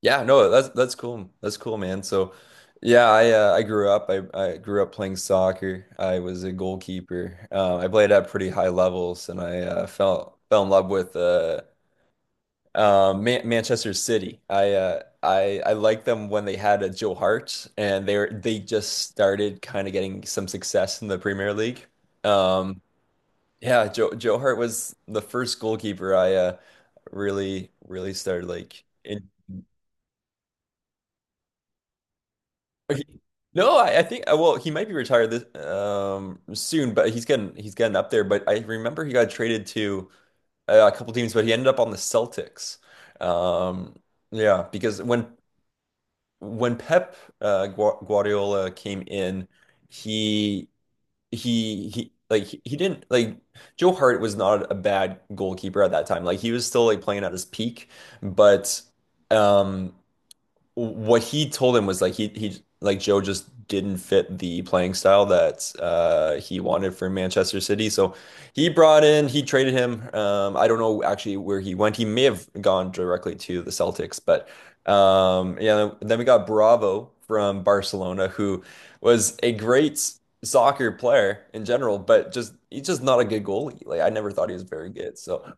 Yeah, no, that's cool. That's cool, man. So, yeah, I grew up. I grew up playing soccer. I was a goalkeeper. I played at pretty high levels, and I fell in love with Manchester City. I liked them when they had a Joe Hart, and they were they just started kind of getting some success in the Premier League. Um, yeah, Joe Hart was the first goalkeeper I really started like. He- No, I think well he might be retired this soon, but he's getting up there. But I remember he got traded to a couple teams, but he ended up on the Celtics. Um, yeah, because when Pep Guardiola came in, he he didn't like Joe Hart was not a bad goalkeeper at that time. Like he was still like playing at his peak, but um what he told him was like he like Joe just didn't fit the playing style that he wanted for Manchester City. So he traded him. Um, I don't know actually where he went. He may have gone directly to the Celtics, but um, yeah, then we got Bravo from Barcelona who was a great soccer player in general, but just he's just not a good goalie. Like I never thought he was very good. So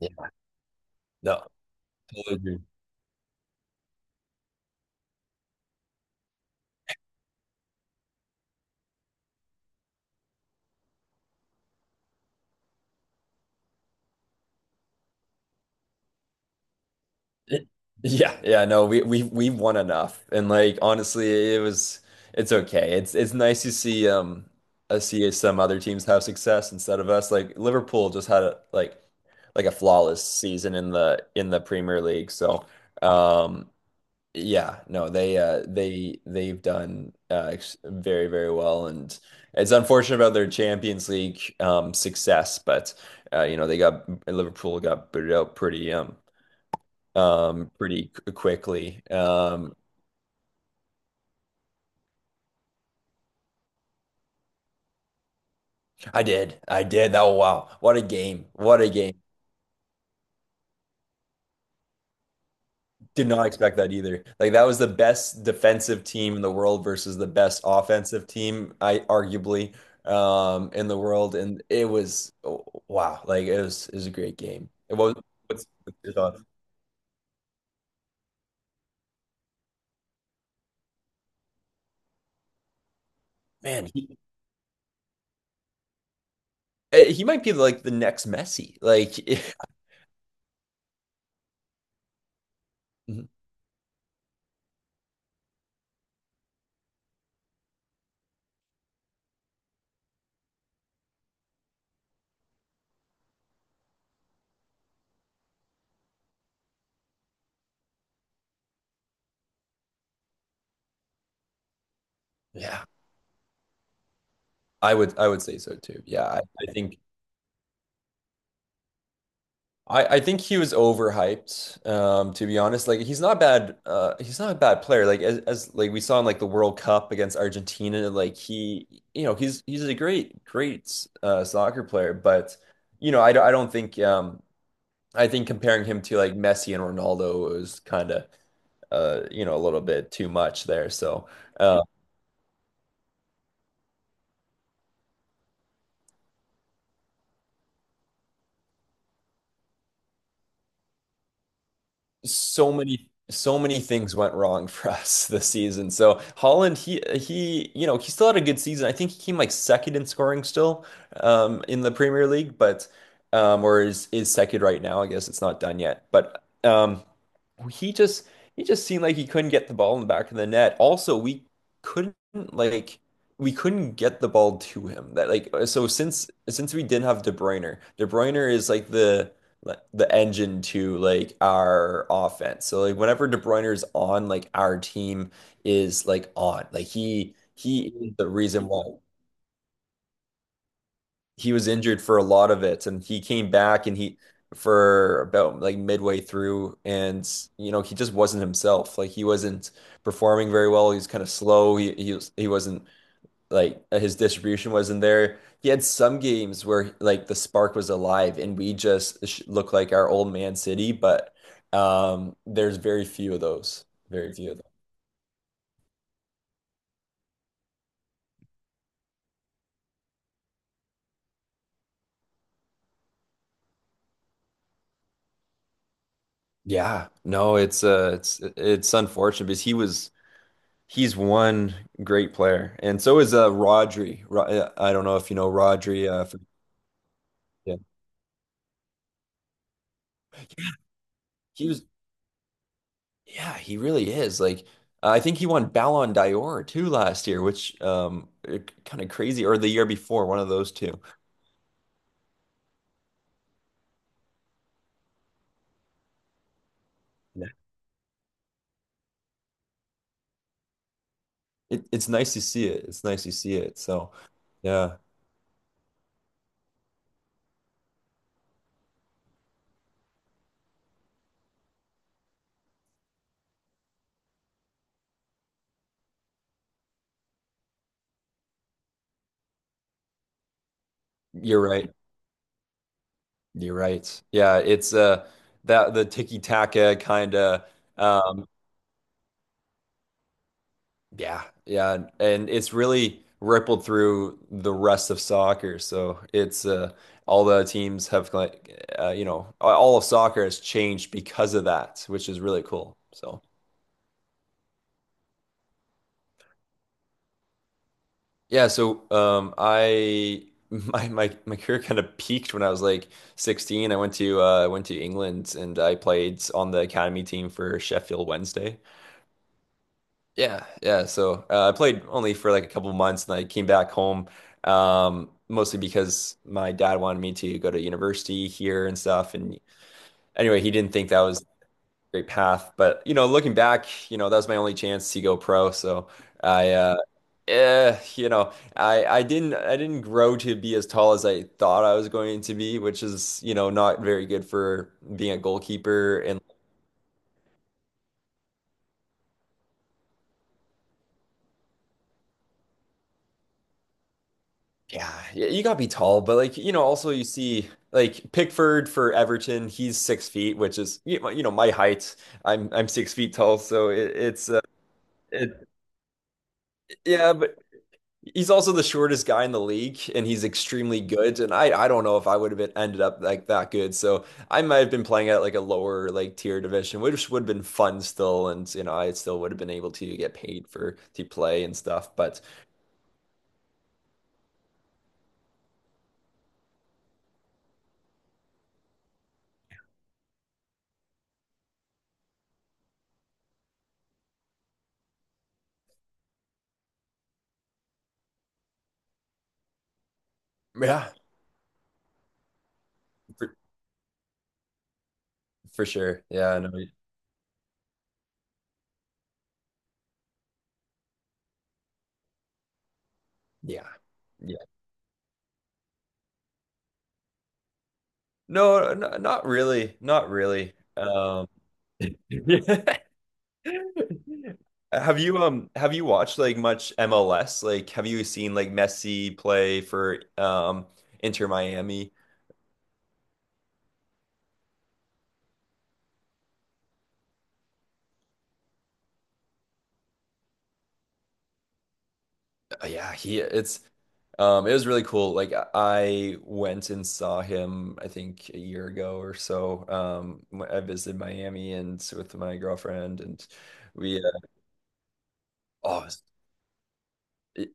yeah. No, totally agree. Yeah, yeah, no, we won enough. And like honestly, it's okay. It's nice to see see some other teams have success instead of us. Like Liverpool just had a like a flawless season in the Premier League. So, um, yeah, no, they they've done very well, and it's unfortunate about their Champions League success, but you know, they got Liverpool got booted out pretty pretty quickly. Um, I did. I did. That Wow. What a game. What a game. Did not expect that either. Like that was the best defensive team in the world versus the best offensive team, I arguably in the world, and it was oh, wow. Like it was a great game. It was what's your thoughts? Man, he might be like the next Messi. Like yeah. I would say so too. Yeah, I think I think he was overhyped, to be honest. Like he's not bad he's not a bad player. Like as like we saw in like the World Cup against Argentina, like he you know, he's a great soccer player, but you know, I don't think I think comparing him to like Messi and Ronaldo was kind of you know, a little bit too much there. So, uh, so many things went wrong for us this season. So Holland, you know, he still had a good season. I think he came like second in scoring still in the Premier League, but or is second right now. I guess it's not done yet. But he just he just seemed like he couldn't get the ball in the back of the net. Also, couldn't like we couldn't get the ball to him. That like so since we didn't have De Bruyne, De Bruyne is like the engine to like our offense. So like whenever De Bruyne is on, like our team is like on. Like he is the reason why he was injured for a lot of it, and he came back and he for about like midway through. And you know, he just wasn't himself. Like he wasn't performing very well. He was kind of slow. He wasn't like his distribution wasn't there. He had some games where like the spark was alive and we just look like our old Man City, but um, there's very few of those, very few of them. Yeah, no, it's it's unfortunate because he's one great player, and so is uh, Rodri. I don't know if you know Rodri. For, yeah. He was, yeah, he really is. Like, I think he won Ballon d'Or too last year, which um, kind of crazy, or the year before, one of those two. Yeah. It's nice to see it. It's nice to see it. So, yeah, you're right. You're right. Yeah, it's that the tiki-taka kind of. Yeah, yeah, and it's really rippled through the rest of soccer. So it's all the teams have like you know, all of soccer has changed because of that, which is really cool. So yeah, so I my career kind of peaked when I was like 16. I went to England and I played on the academy team for Sheffield Wednesday. Yeah, yeah. So I played only for like a couple of months, and I came back home mostly because my dad wanted me to go to university here and stuff. And anyway, he didn't think that was a great path. But you know, looking back, you know, that was my only chance to go pro. So I, eh, you know, I didn't I didn't grow to be as tall as I thought I was going to be, which is you know, not very good for being a goalkeeper. And yeah, you gotta be tall, but like you know, also you see like Pickford for Everton, he's 6 feet, which is you know, my height. I'm 6 feet tall, so it's it yeah, but he's also the shortest guy in the league, and he's extremely good. And I don't know if I would have been ended up like that good, so I might have been playing at like a lower like tier division, which would have been fun still, and you know, I still would have been able to get paid for to play and stuff. But yeah, for, for sure, yeah, no, yeah. No, not really, not really. Have you have you watched like much MLS? Like, have you seen like Messi play for um, Inter Miami? Yeah, he it's um, it was really cool. Like, I went and saw him, I think a year ago or so. I visited Miami and with my girlfriend, and we oh,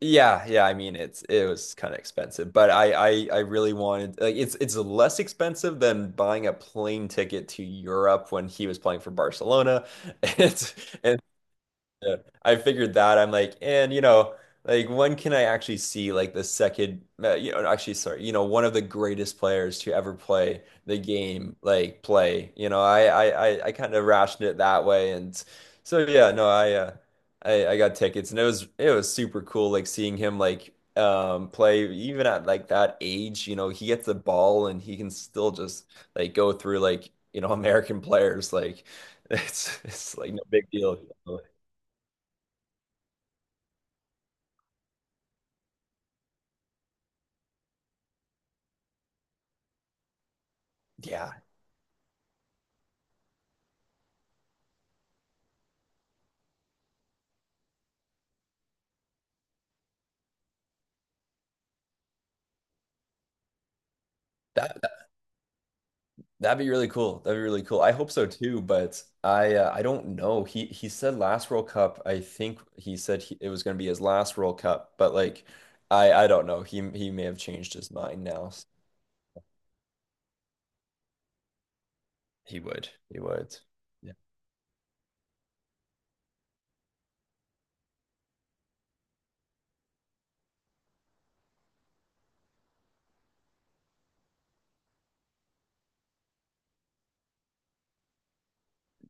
yeah, yeah. I mean, it was kind of expensive, but I really wanted like it's less expensive than buying a plane ticket to Europe when he was playing for Barcelona. It's and yeah, I figured that. I'm like, and you know, like when can I actually see like the second, you know, actually, sorry, you know, one of the greatest players to ever play the game, like play. You know, I kind of rationed it that way, and so yeah, no, I got tickets, and it was super cool, like seeing him like um, play even at like that age. You know, he gets the ball and he can still just like go through like you know, American players, like it's like no big deal. Yeah, that that'd be really cool. That'd be really cool. I hope so too, but I don't know. He said last World Cup. I think he said it was going to be his last World Cup, but like I don't know. He may have changed his mind now. He would. He would. Yeah.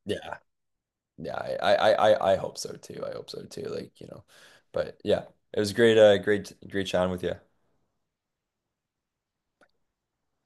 Yeah, yeah. I hope so too. I hope so too. Like, you know. But yeah, it was great great chatting with you.